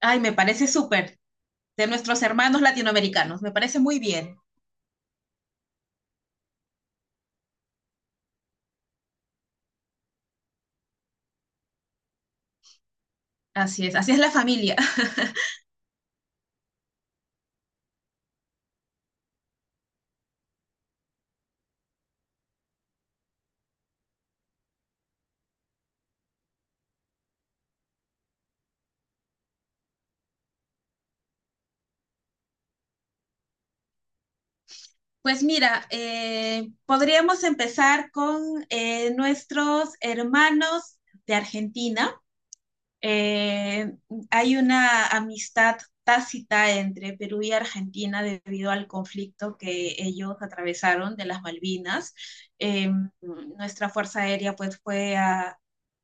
Ay, me parece súper. De nuestros hermanos latinoamericanos. Me parece muy bien. Así es la familia. Pues mira, podríamos empezar con nuestros hermanos de Argentina. eh, Hay una amistad tácita entre Perú y Argentina debido al conflicto que ellos atravesaron de las Malvinas. Eh, Nuestra Fuerza Aérea pues fue a,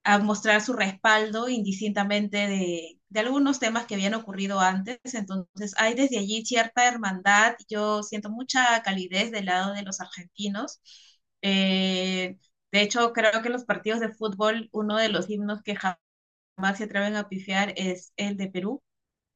a mostrar su respaldo indistintamente de algunos temas que habían ocurrido antes. Entonces hay desde allí cierta hermandad. Yo siento mucha calidez del lado de los argentinos. Eh, de hecho, creo que los partidos de fútbol, uno de los himnos que jamás Max se atreven a pifiar es el de Perú,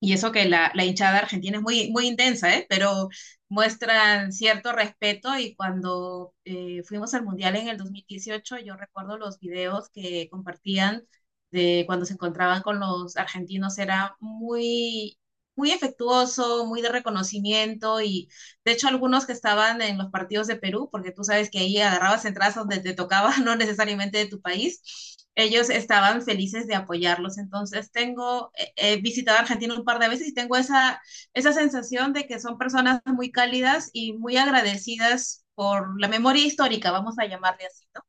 y eso que la hinchada argentina es muy, muy intensa, ¿eh? Pero muestran cierto respeto y cuando fuimos al Mundial en el 2018 yo recuerdo los videos que compartían de cuando se encontraban con los argentinos, era muy, muy efectuoso, muy de reconocimiento y de hecho algunos que estaban en los partidos de Perú, porque tú sabes que ahí agarrabas entradas donde te tocaba, no necesariamente de tu país, ellos estaban felices de apoyarlos. Entonces tengo He visitado Argentina un par de veces y tengo esa sensación de que son personas muy cálidas y muy agradecidas por la memoria histórica, vamos a llamarle así, ¿no?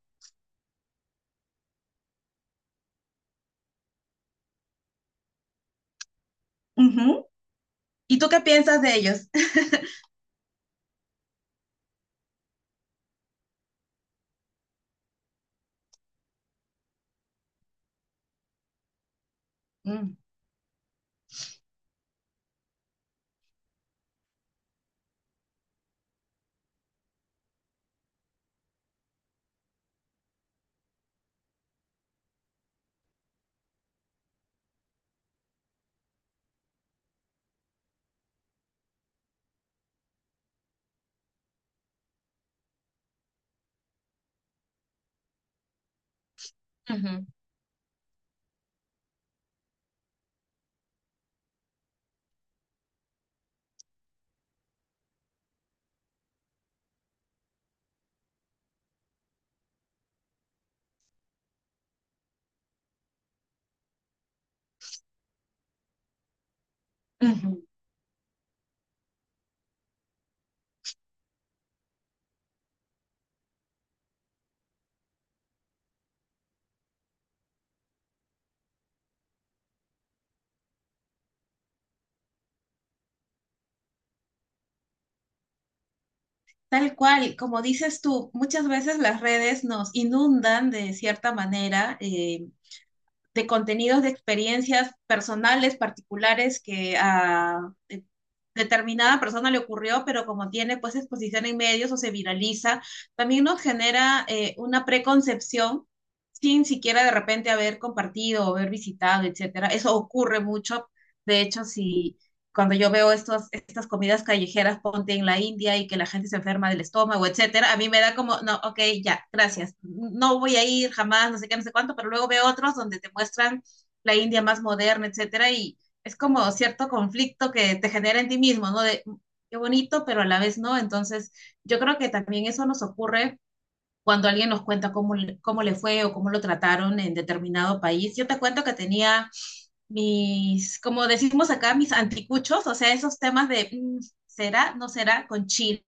Uh -huh. ¿Y tú qué piensas de ellos? Uh -huh. Uh -huh. Tal cual, como dices tú, muchas veces las redes nos inundan de cierta manera de contenidos de experiencias personales, particulares, que a eh, determinada persona le ocurrió, pero como tiene pues exposición en medios o se viraliza, también nos genera una preconcepción sin siquiera de repente haber compartido o haber visitado, etcétera. Eso ocurre mucho. De hecho, si cuando yo veo estas comidas callejeras, ponte en la India y que la gente se enferma del estómago, etcétera, a mí me da como, no, ok, ya, gracias, no voy a ir jamás, no sé qué, no sé cuánto, pero luego veo otros donde te muestran la India más moderna, etcétera, y es como cierto conflicto que te genera en ti mismo, ¿no? De qué bonito, pero a la vez no. Entonces, yo creo que también eso nos ocurre cuando alguien nos cuenta cómo le fue o cómo lo trataron en determinado país. Yo te cuento que tenía mis, como decimos acá, mis anticuchos, o sea, esos temas de será, no será con Chile.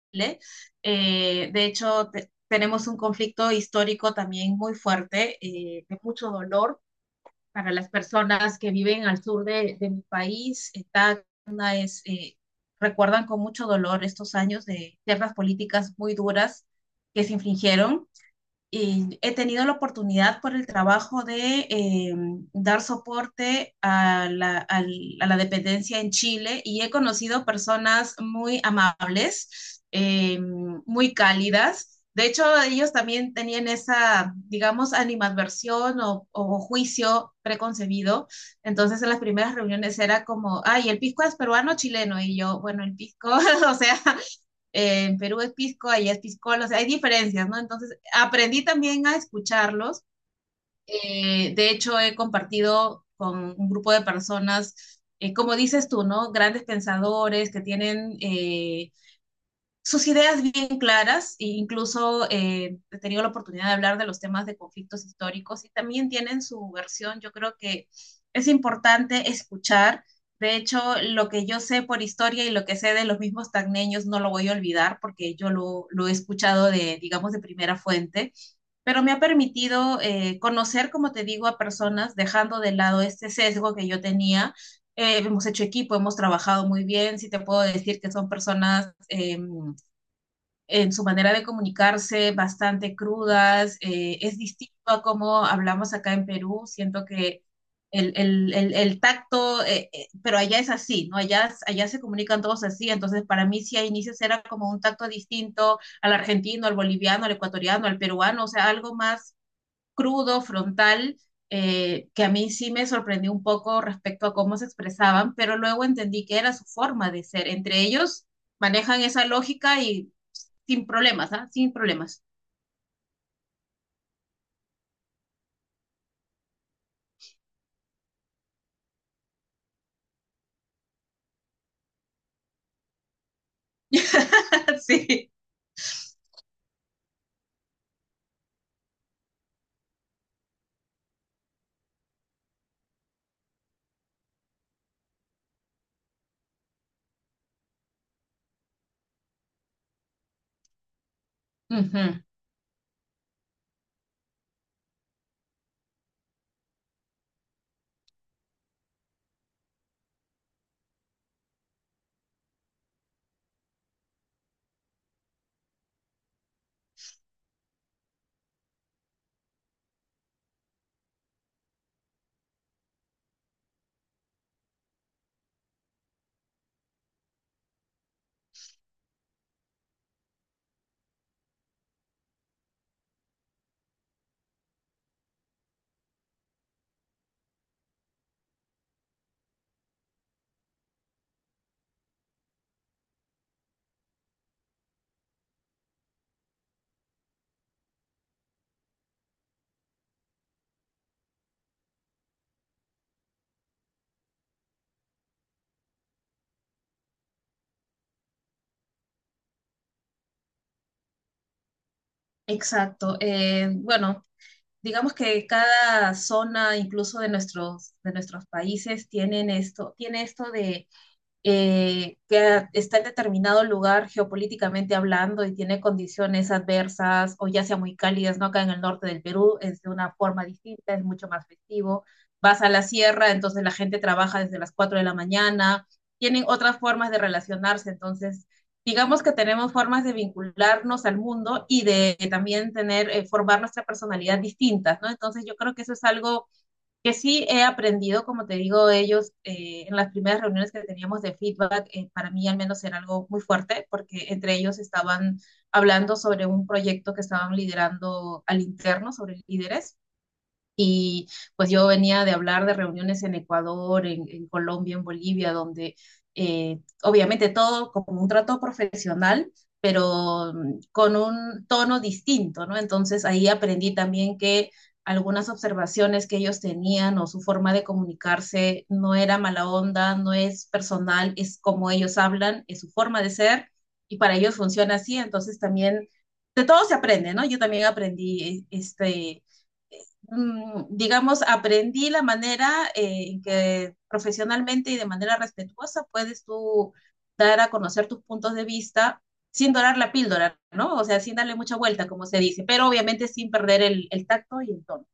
De hecho, tenemos un conflicto histórico también muy fuerte, de mucho dolor para las personas que viven al sur de mi país. Está, una es, recuerdan con mucho dolor estos años de ciertas políticas muy duras que se infringieron y he tenido la oportunidad por el trabajo de dar soporte a a la dependencia en Chile y he conocido personas muy amables, muy cálidas. De hecho, ellos también tenían esa, digamos, animadversión o juicio preconcebido. Entonces, en las primeras reuniones era como, ay, el pisco es peruano o chileno. Y yo, bueno, el pisco, o sea, en Perú es pisco, allá es piscola, o sea, hay diferencias, ¿no? Entonces, aprendí también a escucharlos. De hecho, he compartido con un grupo de personas, como dices tú, ¿no? Grandes pensadores que tienen sus ideas bien claras e incluso he tenido la oportunidad de hablar de los temas de conflictos históricos y también tienen su versión. Yo creo que es importante escuchar. De hecho, lo que yo sé por historia y lo que sé de los mismos tagneños no lo voy a olvidar porque yo lo he escuchado de, digamos, de primera fuente, pero me ha permitido conocer, como te digo, a personas dejando de lado este sesgo que yo tenía hemos hecho equipo, hemos trabajado muy bien. Sí te puedo decir que son personas en su manera de comunicarse, bastante crudas. Es distinto a cómo hablamos acá en Perú. Siento que el tacto, pero allá es así, ¿no? Allá, allá se comunican todos así. Entonces, para mí, sí, a inicios era como un tacto distinto al argentino, al boliviano, al ecuatoriano, al peruano, o sea, algo más crudo, frontal. Que a mí sí me sorprendió un poco respecto a cómo se expresaban, pero luego entendí que era su forma de ser. Entre ellos manejan esa lógica y sin problemas, ¿ah? Sin problemas. Sí. Ujú. Exacto. Bueno, digamos que cada zona, incluso de nuestros países, tiene esto de que está en determinado lugar geopolíticamente hablando y tiene condiciones adversas o ya sea muy cálidas, ¿no? Acá en el norte del Perú es de una forma distinta, es mucho más festivo. Vas a la sierra, entonces la gente trabaja desde las 4 de la mañana, tienen otras formas de relacionarse, entonces digamos que tenemos formas de vincularnos al mundo y de, también tener, formar nuestra personalidad distintas, ¿no? Entonces yo creo que eso es algo que sí he aprendido, como te digo, ellos en las primeras reuniones que teníamos de feedback, para mí al menos era algo muy fuerte, porque entre ellos estaban hablando sobre un proyecto que estaban liderando al interno, sobre líderes, y pues yo venía de hablar de reuniones en Ecuador, en Colombia, en Bolivia, donde obviamente todo como un trato profesional, pero con un tono distinto, ¿no? Entonces ahí aprendí también que algunas observaciones que ellos tenían o su forma de comunicarse no era mala onda, no es personal, es como ellos hablan, es su forma de ser y para ellos funciona así. Entonces también de todo se aprende, ¿no? Yo también aprendí digamos, aprendí la manera en que profesionalmente y de manera respetuosa puedes tú dar a conocer tus puntos de vista sin dorar la píldora, ¿no? O sea, sin darle mucha vuelta, como se dice, pero obviamente sin perder el tacto y el tono.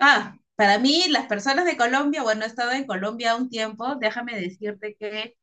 Ah, para mí, las personas de Colombia, bueno, he estado en Colombia un tiempo, déjame decirte que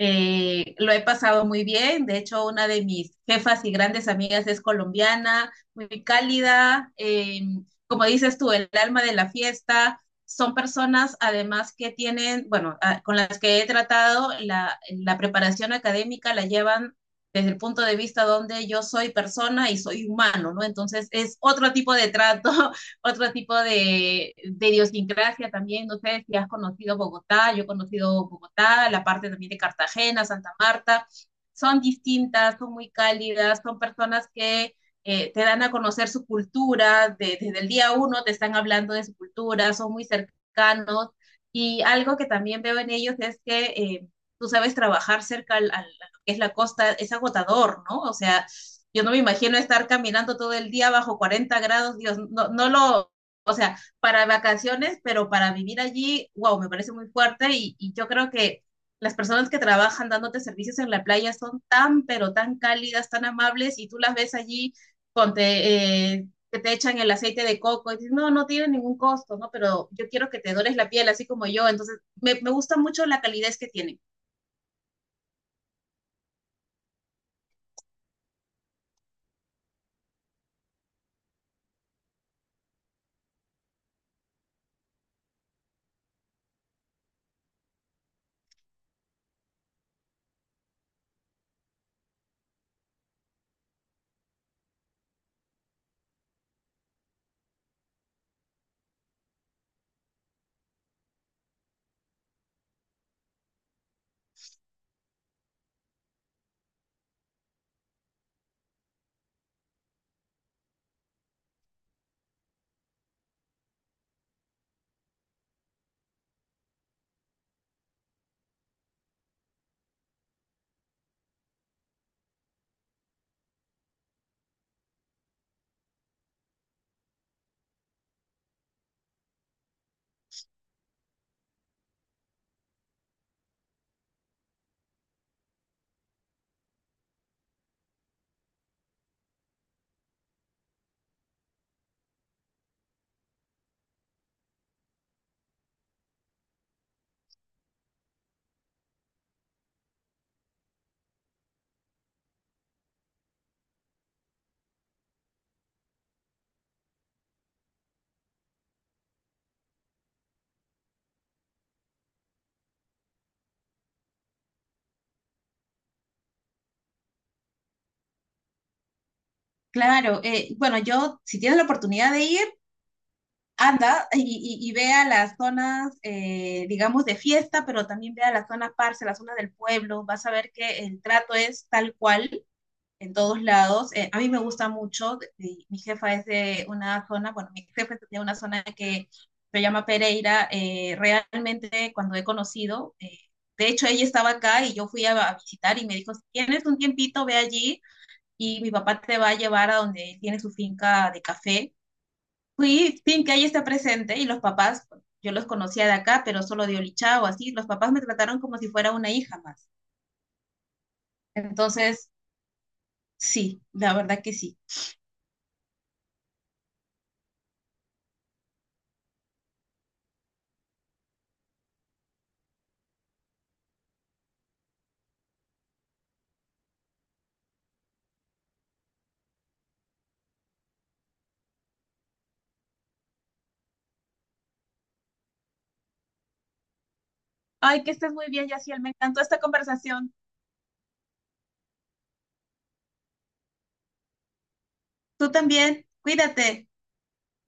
Lo he pasado muy bien. De hecho, una de mis jefas y grandes amigas es colombiana, muy cálida. Como dices tú, el alma de la fiesta. Son personas, además, que tienen, bueno, con las que he tratado, la preparación académica la llevan desde el punto de vista donde yo soy persona y soy humano, ¿no? Entonces es otro tipo de trato otro tipo de idiosincrasia también. No sé si has conocido Bogotá, yo he conocido Bogotá, la parte también de Cartagena, Santa Marta. Son distintas, son muy cálidas, son personas que te dan a conocer su cultura, de, desde el día uno te están hablando de su cultura, son muy cercanos. Y algo que también veo en ellos es que tú sabes trabajar cerca a lo que es la costa, es agotador, ¿no? O sea, yo no me imagino estar caminando todo el día bajo 40 grados, Dios, no, no lo, o sea, para vacaciones, pero para vivir allí, wow, me parece muy fuerte y yo creo que las personas que trabajan dándote servicios en la playa son tan, pero tan cálidas, tan amables y tú las ves allí que te echan el aceite de coco y dices, no, no tiene ningún costo, ¿no? Pero yo quiero que te dores la piel así como yo, entonces me gusta mucho la calidez que tienen. Claro, bueno, yo si tienes la oportunidad de ir, anda y vea las zonas, digamos, de fiesta, pero también vea las zonas parce, las zonas del pueblo, vas a ver que el trato es tal cual en todos lados. A mí me gusta mucho, mi jefa es de una zona, bueno, mi jefa es de una zona que se llama Pereira, realmente cuando he conocido, de hecho ella estaba acá y yo fui a visitar y me dijo, si tienes un tiempito, ve allí. Y mi papá te va a llevar a donde él tiene su finca de café. Fui, Pincay está presente y los papás, yo los conocía de acá, pero solo de Olichao, así, los papás me trataron como si fuera una hija más. Entonces, sí, la verdad que sí. Ay, que estés muy bien, Yaciel. Me encantó esta conversación. Tú también, cuídate.